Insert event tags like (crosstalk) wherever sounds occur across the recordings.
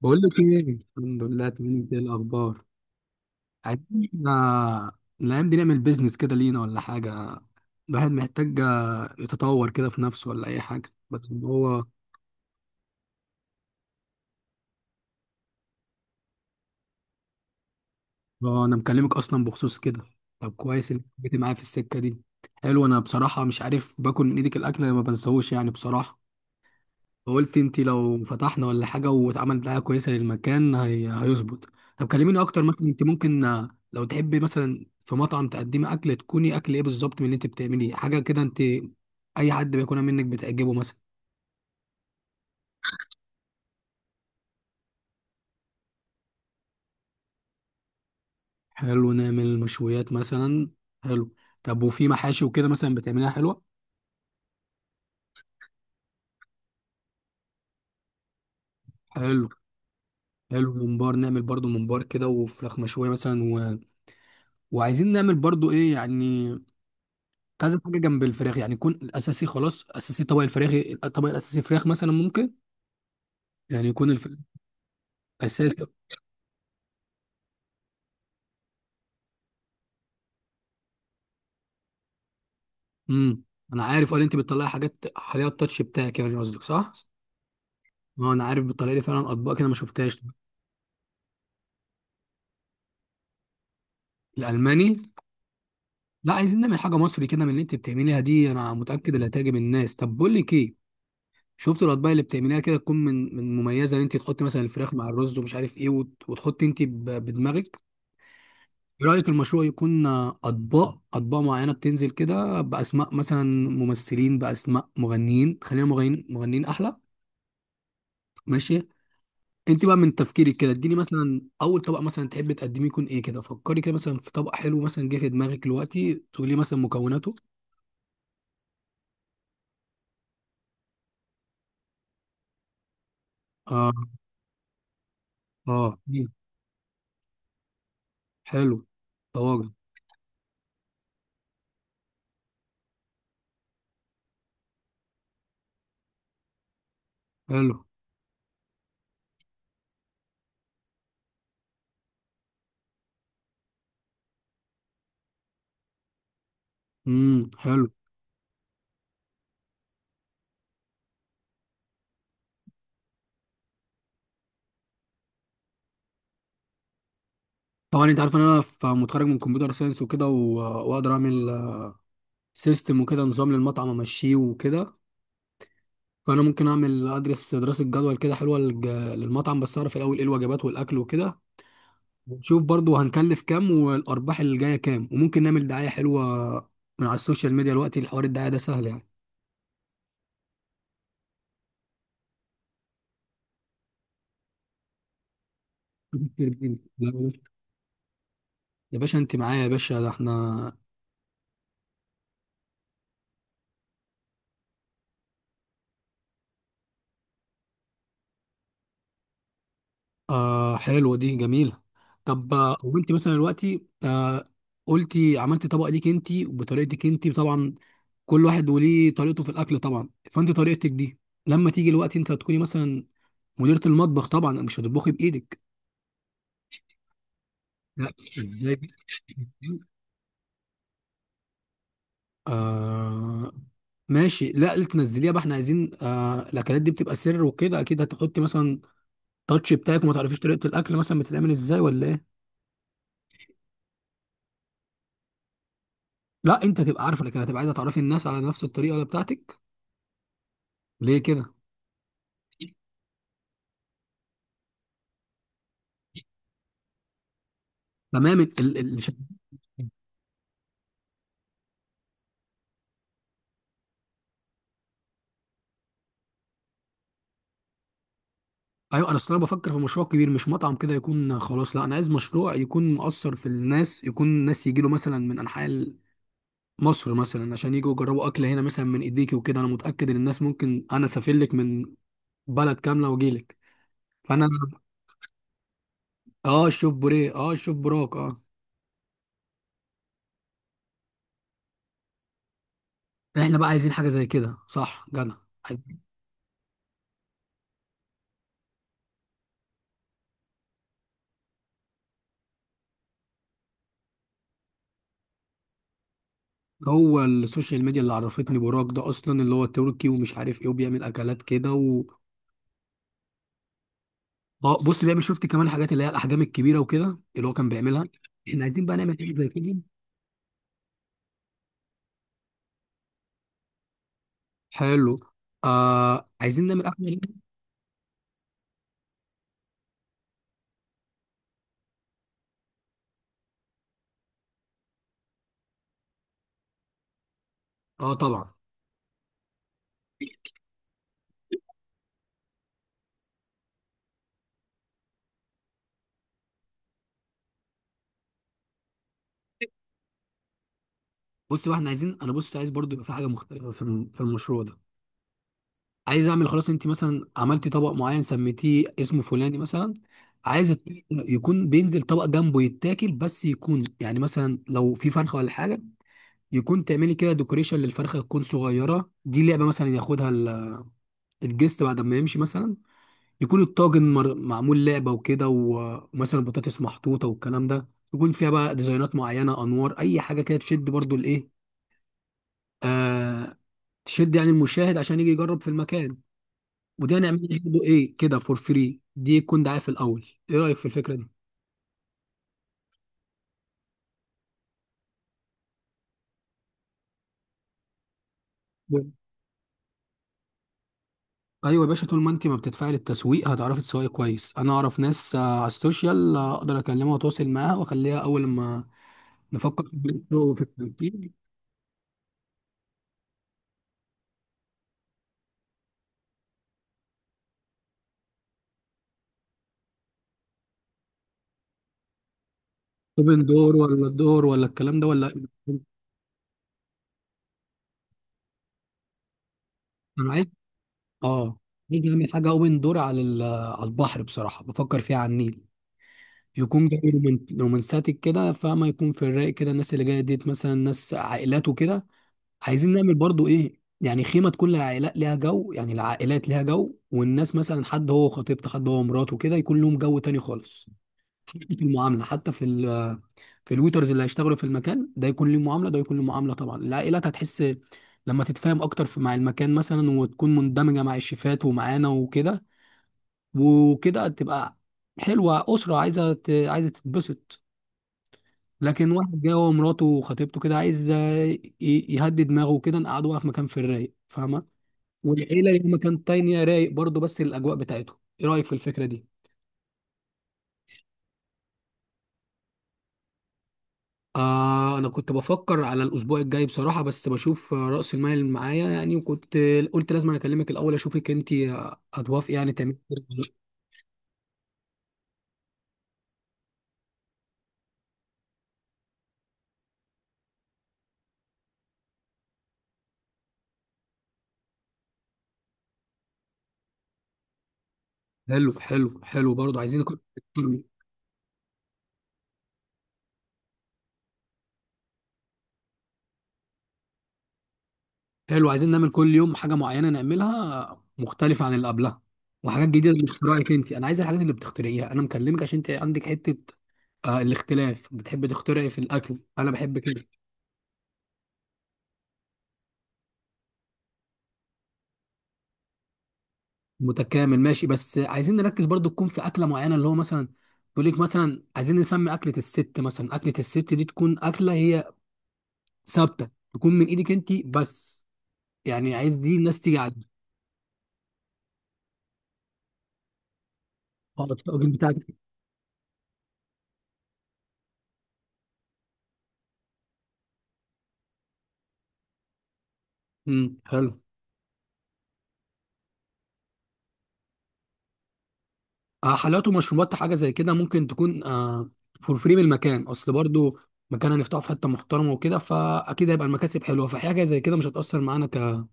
بقول لك ايه؟ الحمد لله، تمام. انت ايه الاخبار؟ عايزين احنا الايام دي نعمل بيزنس كده لينا، ولا حاجه؟ الواحد محتاج يتطور كده في نفسه، ولا اي حاجه، بس إن هو. اه، انا مكلمك اصلا بخصوص كده. طب، كويس انك جيت معايا في السكه دي. حلو. انا بصراحه مش عارف، باكل من ايدك الاكل ما بنساهوش يعني بصراحه. فقلت انت لو فتحنا ولا حاجه واتعملت دعايه كويسه للمكان هيظبط. طب، كلميني اكتر. مثلا انت ممكن، لو تحبي مثلا في مطعم تقدمي اكل، تكوني اكل ايه بالظبط من اللي انت بتعمليه حاجه كده انت، اي حد بياكلها منك بتعجبه مثلا؟ حلو، نعمل مشويات مثلا. حلو. طب، وفي محاشي وكده مثلا بتعمليها حلوه؟ حلو. حلو. ممبار، نعمل برضو ممبار كده وفراخ مشويه مثلا وعايزين نعمل برضو ايه يعني. كنت عايز حاجه جنب الفراخ، يعني يكون الاساسي خلاص، اساسي طبق الفراخ. الطبق الاساسي فراخ مثلا ممكن، يعني يكون الفراخ اساسي. امم انا عارف. قال انت بتطلعي حاجات، حاجات التاتش بتاعك يعني قصدك صح. ما انا عارف بتطلعي لي فعلا اطباق كده ما شفتهاش. الالماني؟ لا، عايزين نعمل حاجه مصري كده من اللي انت بتعمليها دي، انا متاكد اللي هتعجب الناس. طب، بقول لك ايه. شفت الاطباق اللي بتعمليها كده، تكون من مميزه ان انت تحطي مثلا الفراخ مع الرز ومش عارف ايه، وتحطي انت بدماغك. ايه رأيك المشروع يكون اطباق معينة بتنزل كده باسماء مثلا؟ ممثلين باسماء مغنيين، خلينا مغنيين، مغنيين احلى. ماشي. انت بقى من تفكيرك كده، اديني مثلا اول طبق مثلا تحبي تقدميه يكون ايه كده. فكري كده مثلا في طبق حلو، مثلا جه في دماغك دلوقتي تقولي مثلا مكوناته. اه. اه، دي. حلو. طواجن. حلو. امم. حلو. طبعا انت عارف ان انا متخرج من كمبيوتر ساينس وكده، واقدر اعمل سيستم وكده، نظام للمطعم امشيه وكده. فانا ممكن اعمل، ادرس دراسه جدول كده حلوه للمطعم، بس اعرف الاول ايه الوجبات والاكل وكده. ونشوف برضو هنكلف كام، والارباح اللي جايه كام. وممكن نعمل دعايه حلوه من على السوشيال ميديا، الوقت الحوار الدعايه ده سهل يعني. (laughs) يا باشا، انت معايا يا باشا، ده احنا. آه، حلوه دي، جميله. طب، وانت مثلا دلوقتي قلتي عملتي طبق ليك انت وبطريقتك انت طبعا. كل واحد وليه طريقته في الاكل طبعا، فانت طريقتك دي. لما تيجي الوقت، انت هتكوني مثلا مديرة المطبخ، طبعا مش هتطبخي بايدك. لا، ازاي دي؟ آه، ماشي. لا، اللي تنزليها بقى، احنا عايزين الاكلات دي بتبقى سر وكده، اكيد هتحطي مثلا تاتش بتاعك وما تعرفيش طريقة الاكل مثلا بتتعمل ازاي ولا ايه. لا، انت هتبقى عارفه، لكن هتبقى عايزه تعرفي الناس على نفس الطريقه اللي بتاعتك ليه كده. تمام. ايوه، انا اصل انا بفكر في مشروع كبير، مش مطعم كده يكون خلاص، لا انا عايز مشروع يكون مؤثر في الناس، يكون الناس يجي له مثلا من انحاء مصر مثلا عشان يجوا يجربوا اكل هنا مثلا من ايديكي وكده. انا متاكد ان الناس ممكن، انا اسافر لك من بلد كامله واجي لك. فانا، اه شوف بوريه، شوف براك، احنا بقى عايزين حاجه زي كده، صح جدع. عايزين- هو السوشيال ميديا اللي عرفتني براك ده اصلا، اللي هو تركي ومش عارف ايه، وبيعمل اكلات كده بص، بيعمل، شفت كمان الحاجات اللي هي الاحجام الكبيره وكده اللي هو كان بيعملها. احنا عايزين بقى نعمل حاجه زي كده. حلو. آه، عايزين نعمل اكل. اه، طبعا. بص بقى، احنا عايزين، انا بص عايز برضو يبقى في حاجه مختلفه في في المشروع ده. عايز اعمل خلاص، انت مثلا عملتي طبق معين سميتيه اسمه فلاني مثلا. عايز الطبق يكون بينزل طبق جنبه يتاكل بس، يكون يعني مثلا لو في فرخه ولا حاجه، يكون تعملي كده ديكوريشن للفرخه، تكون صغيره دي لعبه مثلا ياخدها الجست بعد ما يمشي مثلا. يكون الطاجن معمول لعبه وكده، ومثلا بطاطس محطوطه والكلام ده، يكون فيها بقى ديزاينات معينه، انوار اي حاجه كده تشد برضو الايه آه، تشد يعني المشاهد عشان يجي يجرب في المكان. ودي هنعمل برضه ايه كده، فور فري. دي يكون دعايه في الاول. ايه رايك في الفكره دي؟ نعم. ايوه يا باشا، طول ما انت ما بتدفعي للتسويق هتعرفي تسوقي كويس. انا اعرف ناس على السوشيال، اقدر اكلمها واتواصل معاها واخليها اول ما نفكر في في التنفيذ. اوبن دور ولا الدور ولا الكلام ده ولا؟ انا اه عايز اعمل حاجه اوبن دور على على البحر. بصراحه بفكر فيها على النيل. يكون جاي رومانساتك كده، فما يكون في الرايق كده، الناس اللي جايه ديت مثلا ناس عائلات وكده. عايزين نعمل برضو ايه يعني، خيمه تكون العائلات ليها جو، يعني العائلات ليها جو، والناس مثلا حد هو خطيبته، حد هو مراته، كده يكون لهم جو تاني خالص. حتى في المعامله، حتى في في الويترز اللي هيشتغلوا في المكان ده يكون ليه معامله، ده يكون ليه معامله طبعا. العائلات هتحس لما تتفاهم اكتر مع المكان مثلا، وتكون مندمجه مع الشيفات ومعانا وكده، وكده تبقى حلوه، اسره عايزه عايزه تتبسط. لكن واحد جاي هو ومراته وخطيبته كده، عايز يهدي دماغه وكده، نقعدوها بقى في مكان في الرايق. فاهمه؟ والعيله ليها مكان تاني رايق برضه، بس الاجواء بتاعته. ايه رايك في الفكره دي؟ آه، انا كنت بفكر على الاسبوع الجاي بصراحه، بس بشوف راس المال اللي معايا يعني، وكنت قلت لازم أنا اكلمك الاول، اشوفك انت هتوافقي يعني تعملي كده ولا لأ. حلو، حلو، حلو. برضه عايزين حلو، عايزين نعمل كل يوم حاجة معينة، نعملها مختلفة عن اللي قبلها، وحاجات جديدة باختراعك انت. انا عايز الحاجات اللي بتخترعيها، انا مكلمك عشان انت عندك حتة. آه، الاختلاف بتحب تخترعي في الاكل، انا بحب كده. متكامل، ماشي. بس عايزين نركز برضو تكون في اكلة معينة، اللي هو مثلا يقول لك مثلا، عايزين نسمي اكلة الست مثلا. اكلة الست دي تكون اكلة هي ثابتة، تكون من ايدك انت بس، يعني عايز دي الناس تيجي عليها. اه، الطاجن بتاعك. امم، حلو. آه، حلويات ومشروبات، حاجه زي كده ممكن تكون فور فري من المكان اصل برضو. مكان هنفتحه في حته محترمه وكده، فاكيد هيبقى المكاسب حلوه، فحاجه زي كده مش هتاثر معانا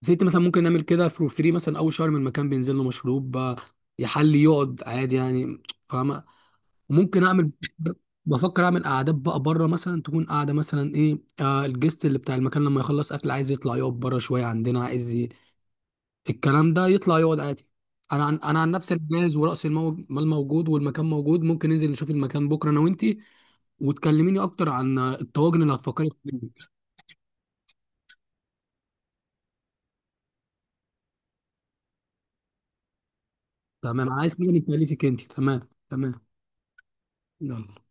زيت مثلا. ممكن نعمل كده فور فري مثلا اول شهر من المكان، بينزل له مشروب يحلي، يقعد عادي يعني. فاهمه؟ ممكن اعمل (laughs) بفكر اعمل قعدات بقى بره مثلا، تكون قاعده مثلا ايه، الجست اللي بتاع المكان لما يخلص اكل عايز يطلع يقعد بره شويه عندنا، عايز الكلام ده يطلع يقعد عادي. انا عن نفسي، أنا جاهز ورأس المال موجود والمكان موجود، ممكن ننزل نشوف المكان بكره انا وانتي، وتكلميني اكتر عن الطواجن اللي هتفكري فيها. تمام، عايز تيجي نتكلفك انتي. تمام. تمام. يلا.